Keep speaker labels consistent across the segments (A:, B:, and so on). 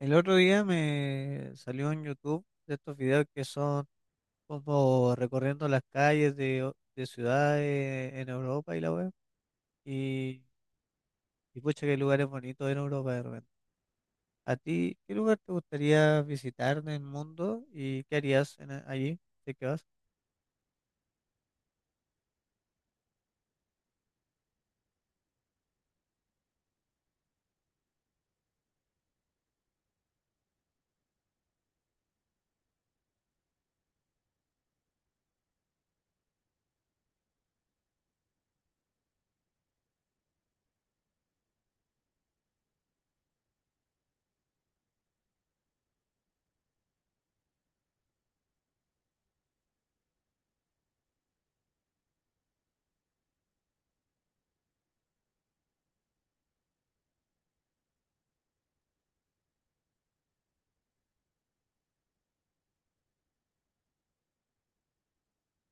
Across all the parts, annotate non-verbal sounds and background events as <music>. A: El otro día me salió en YouTube de estos videos que son como recorriendo las calles de ciudades en Europa y la web. Y, y pucha, qué lugares bonitos en Europa de repente. ¿A ti qué lugar te gustaría visitar del mundo y qué harías en allí? ¿De qué vas?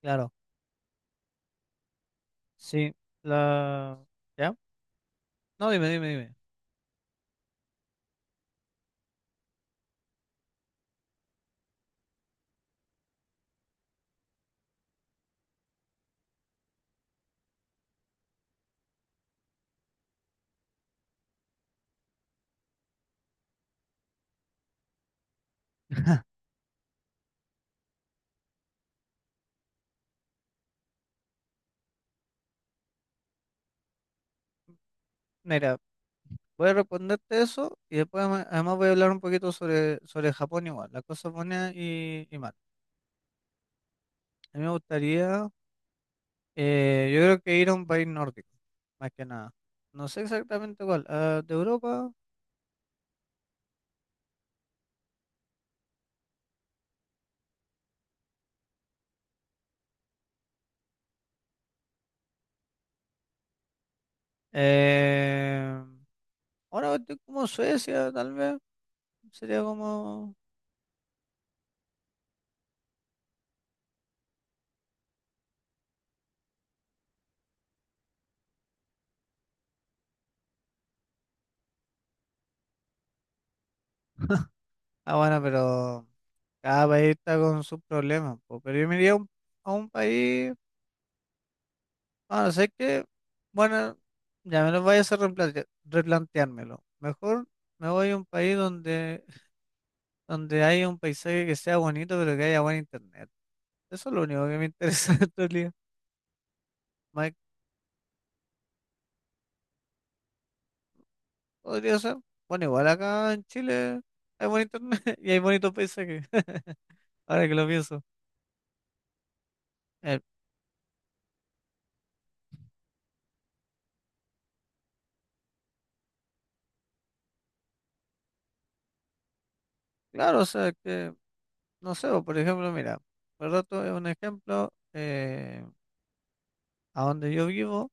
A: Claro, sí. La... ¿Ya? No, dime, dime, dime. <laughs> Mira, voy a responderte eso y después además voy a hablar un poquito sobre, Japón igual, las cosas buenas y malas. A mí me gustaría. Yo creo que ir a un país nórdico, más que nada. No sé exactamente cuál, de Europa. Eh, Ahora estoy como Suecia, tal vez. Sería como... Ah, bueno, pero cada país está con sus problemas, po. Pero yo me iría a un, país... Bueno, sé que... Bueno, ya me lo voy a hacer replanteármelo. Mejor me voy a un país donde, haya un paisaje que sea bonito, pero que haya buen internet. Eso es lo único que me interesa <laughs> en realidad. Podría ser. Bueno, igual acá en Chile hay buen internet <laughs> y hay bonitos paisajes. <laughs> Ahora que lo pienso. Eh, claro, o sea que, no sé, o por ejemplo, mira, por rato es un ejemplo, a donde yo vivo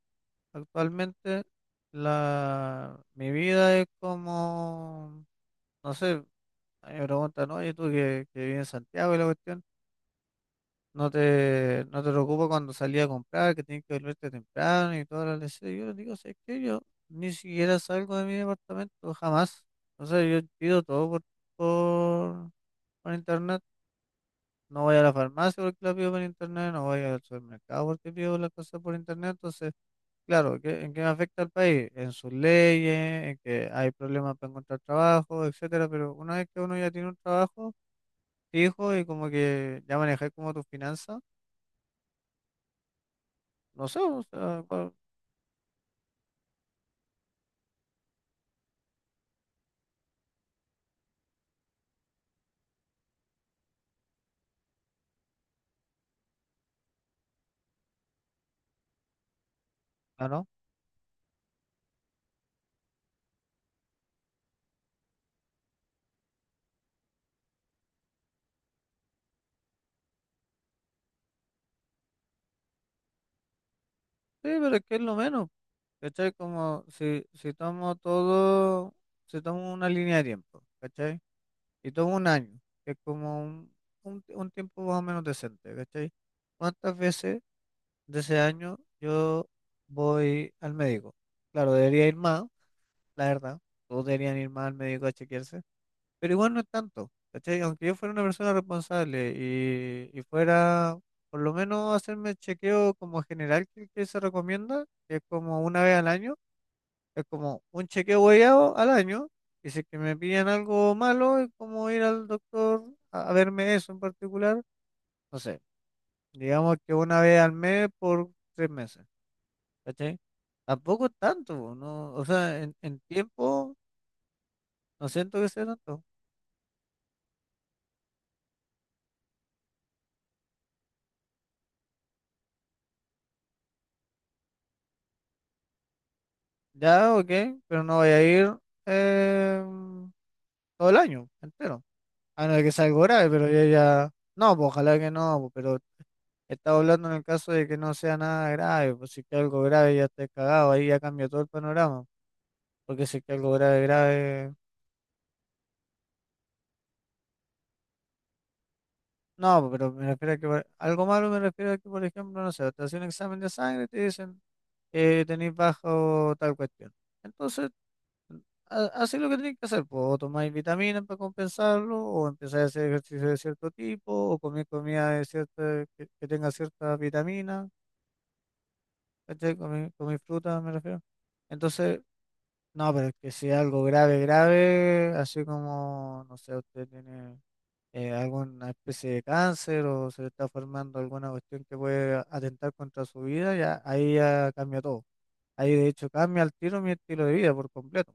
A: actualmente, mi vida es como, no sé, a mí me preguntan, oye, tú que vives en Santiago y la cuestión. No te preocupes cuando salí a comprar, que tienes que volverte temprano y todas las leches. Yo le digo, ¿sabes qué? Yo ni siquiera salgo de mi departamento, jamás. O sea, yo pido todo por, por internet. No voy a la farmacia porque la pido por internet, no voy al supermercado porque pido las cosas por internet. Entonces, claro, ¿en qué me afecta al país? En sus leyes, en que hay problemas para encontrar trabajo, etcétera. Pero una vez que uno ya tiene un trabajo fijo y como que ya manejáis como tus finanzas, no sé, o sea... Ah, ¿no? Sí, pero es que es lo menos, ¿cachai? Como si tomo todo, si tomo una línea de tiempo, ¿cachai? Y tomo un año, que es como un tiempo más o menos decente, ¿cachai? ¿Cuántas veces de ese año yo voy al médico? Claro, debería ir más, la verdad, todos deberían ir más al médico a chequearse. Pero igual no es tanto, ¿cachai? Aunque yo fuera una persona responsable y fuera por lo menos hacerme el chequeo como general que se recomienda, que es como una vez al año, es como un chequeo guiado al año, y si es que me pillan algo malo, es como ir al doctor a verme eso en particular, no sé, digamos que una vez al mes por 3 meses, ¿cachai? Tampoco es tanto, no, o sea, en, tiempo no siento que sea tanto. Ya, ok, pero no voy a ir eh, todo el año entero. A no ser que sea algo grave, pero ya, ya. No, pues ojalá que no, pues, pero estaba hablando en el caso de que no sea nada grave, pues si es que algo grave ya estés cagado, ahí ya cambia todo el panorama. Porque si es que algo grave, grave. No, pues, pero me refiero a que algo malo me refiero a que, por ejemplo, no sé, te hacen un examen de sangre y te dicen que tenés bajo tal cuestión. Entonces hacéis lo que tenéis que hacer, pues, o tomáis vitaminas para compensarlo, o empezáis a hacer ejercicio de cierto tipo, o comer comida de cierta, que tenga cierta vitamina, ¿cachai? Comí fruta, me refiero. Entonces, no, pero es que si es algo grave, grave, así como, no sé, usted tiene alguna especie de cáncer o se le está formando alguna cuestión que puede atentar contra su vida, ya ahí ya cambia todo. Ahí de hecho cambia el tiro mi estilo de vida por completo.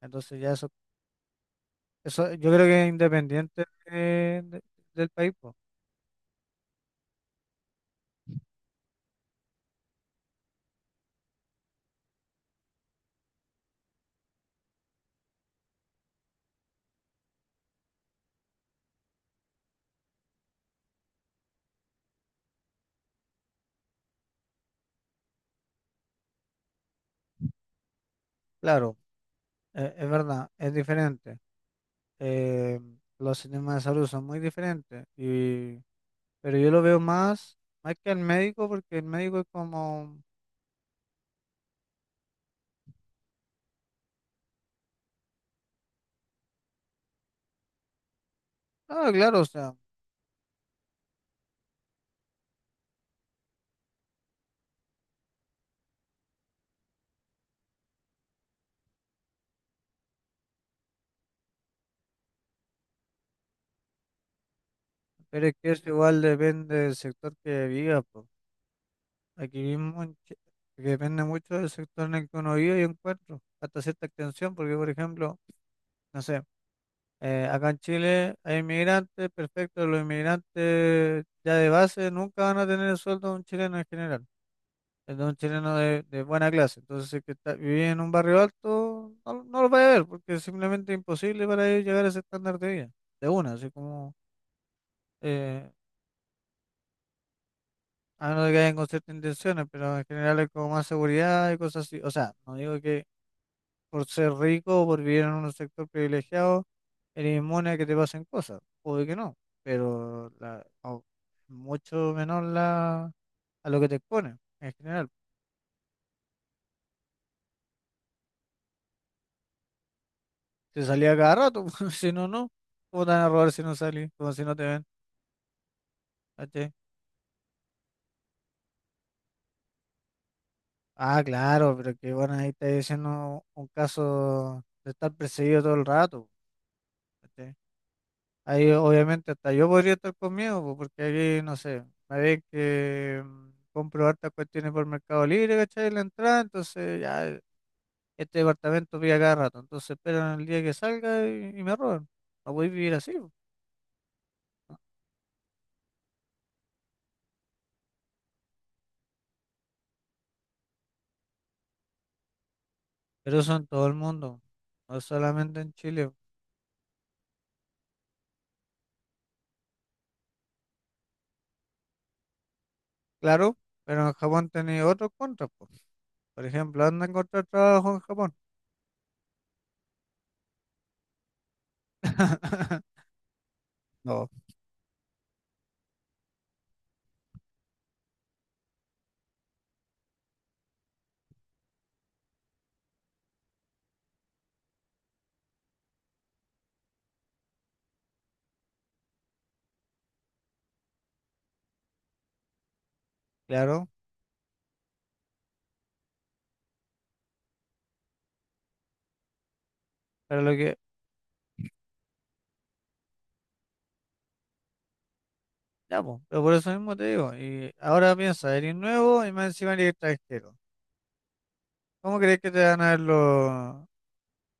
A: Entonces ya es... Eso, yo creo que es independiente del país, pues. Claro, es verdad, es diferente. Eh, los sistemas de salud son muy diferentes, y pero yo lo veo más, que el médico, porque el médico es como, claro, o sea, pero es que eso igual depende del sector que viva, pues. Aquí mismo en Chi-, depende mucho del sector en el que uno vive y encuentro, hasta cierta extensión, porque por ejemplo, no sé. Acá en Chile hay inmigrantes, perfecto, los inmigrantes ya de base nunca van a tener el sueldo de un chileno en general, el de un chileno de buena clase. Entonces, si es que está, viví en un barrio alto, no, no lo vaya a ver, porque es simplemente imposible para ellos llegar a ese estándar de vida, de una, así como, eh, a menos de que hayan con ciertas intenciones, pero en general hay como más seguridad y cosas así. O sea, no digo que por ser rico o por vivir en un sector privilegiado eres inmune a que te pasen cosas, puede que no, pero mucho menor la, a lo que te exponen en general. Te salía cada rato, <laughs> si no, no. ¿Cómo te van a robar si no salís? Como si no te ven, ¿cachai? Ah, claro, pero que bueno, ahí está diciendo un caso de estar perseguido todo el rato, ¿cachai? Ahí obviamente hasta yo podría estar conmigo, po, porque aquí, no sé, me ven que mm, compro hartas cuestiones por Mercado Libre, ¿cachai? La entrada, entonces ya. Este departamento pide a cada rato, entonces esperan el día que salga y me roban. No voy a vivir así, po. ¿No? Pero eso en todo el mundo, no solamente en Chile. Claro, pero en Japón tenéis otros contras, po. Por ejemplo, anda a encontrar trabajo en Japón. <laughs> No, claro, pero lo que, ya, po, pero por eso mismo te digo, y ahora piensa, eres nuevo y más encima eres extranjero. ¿Cómo crees que te van a ver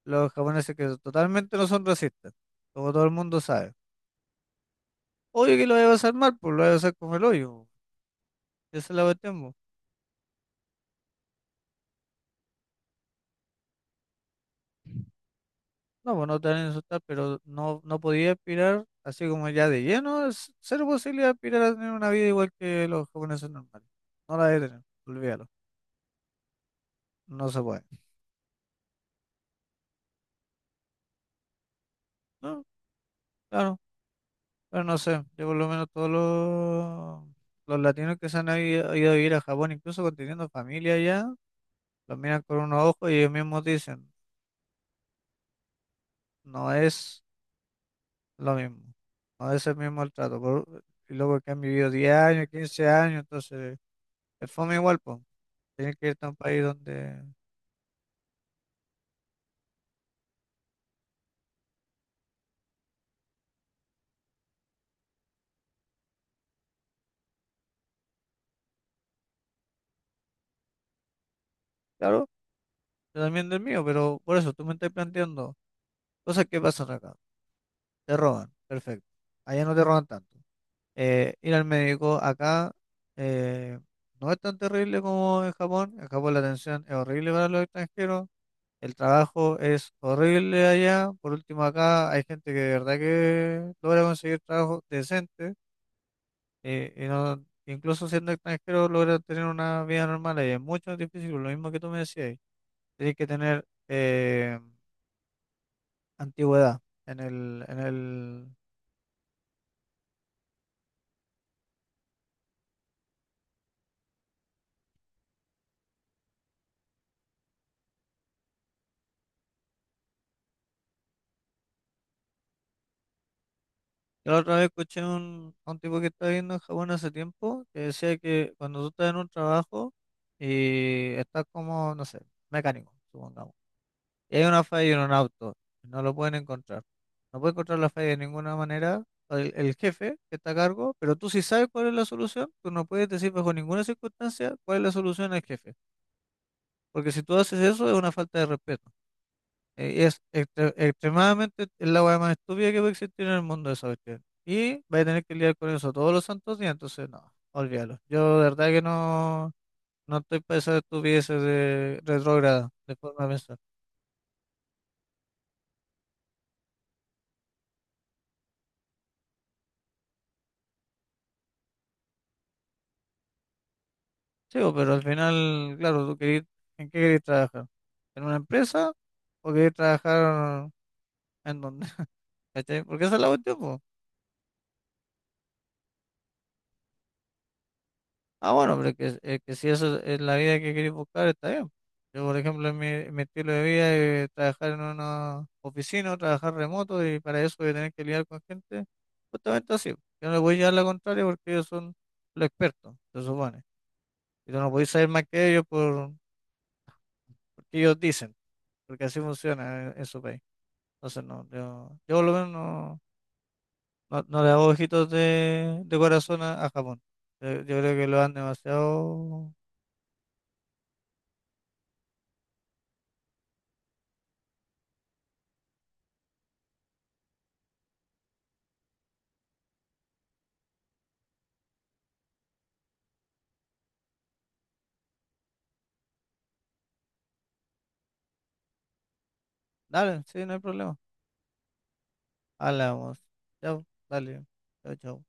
A: los japoneses que totalmente no son racistas? Como todo el mundo sabe. Obvio que lo voy a pasar mal, pues lo voy a pasar como el hoyo. Esa es la cuestión, po. No, pues no te van a insultar, pero no, no podía aspirar así como ya de lleno. Es cero posibilidad de aspirar a tener una vida igual que los japoneses normales. No la debe tener, olvídalo. No se puede. No, claro, pero no sé. Yo por lo menos todos los latinos que se han ido a vivir a Japón, incluso con teniendo familia allá, los miran con unos ojos y ellos mismos dicen, no es lo mismo. No es el mismo el trato, por- y luego que han vivido 10 años, 15 años, entonces... Es fome igual, pues. Tienes que irte a un país donde... Claro, yo también del mío, pero por eso tú me estás planteando cosas que pasan acá. Te roban, perfecto. Allá no te roban tanto. Ir al médico acá eh, no es tan terrible como en Japón. En Japón la atención es horrible para los extranjeros. El trabajo es horrible allá. Por último, acá hay gente que de verdad que logra conseguir trabajo decente, y no, incluso siendo extranjero logra tener una vida normal allá. Es mucho más difícil, lo mismo que tú me decías. Tienes que tener antigüedad en el... Yo la otra vez escuché un, a un tipo que estaba viendo en Japón hace tiempo que decía que cuando tú estás en un trabajo y estás como, no sé, mecánico, supongamos, y hay una falla en un auto, no lo pueden encontrar. No puede encontrar la falla de ninguna manera el jefe que está a cargo, pero tú sí sabes cuál es la solución, tú no puedes decir bajo ninguna circunstancia cuál es la solución al jefe, porque si tú haces eso es una falta de respeto. Es extremadamente es la weá más estúpida que puede existir en el mundo esa cuestión. Y vais a tener que lidiar con eso todos los santos días, entonces no, olvídalo. Yo de verdad que no, no estoy para esas estupideces de retrógrada, de forma de pensar. Sí, bo, pero al final, claro, tú querís, ¿en qué querés trabajar? ¿En una empresa o querés trabajar en dónde? <laughs> ¿Cachai? Porque esa es la cuestión, po. Ah, bueno, pero es que si eso es la vida que queréis buscar, está bien. Yo, por ejemplo, en mi estilo de vida es trabajar en una oficina, o trabajar remoto y para eso voy a tener que lidiar con gente. Justamente así. Yo no le voy a llevar la contraria porque ellos son los expertos, se supone. Y tú no podéis saber más que ellos porque ellos dicen, porque así funciona en, su país. Entonces, no, yo por lo menos no le hago ojitos de corazón a Japón. Yo creo que lo han demasiado... Dale, sí, no hay problema. Hablamos. Chao, dale. Chao, chao.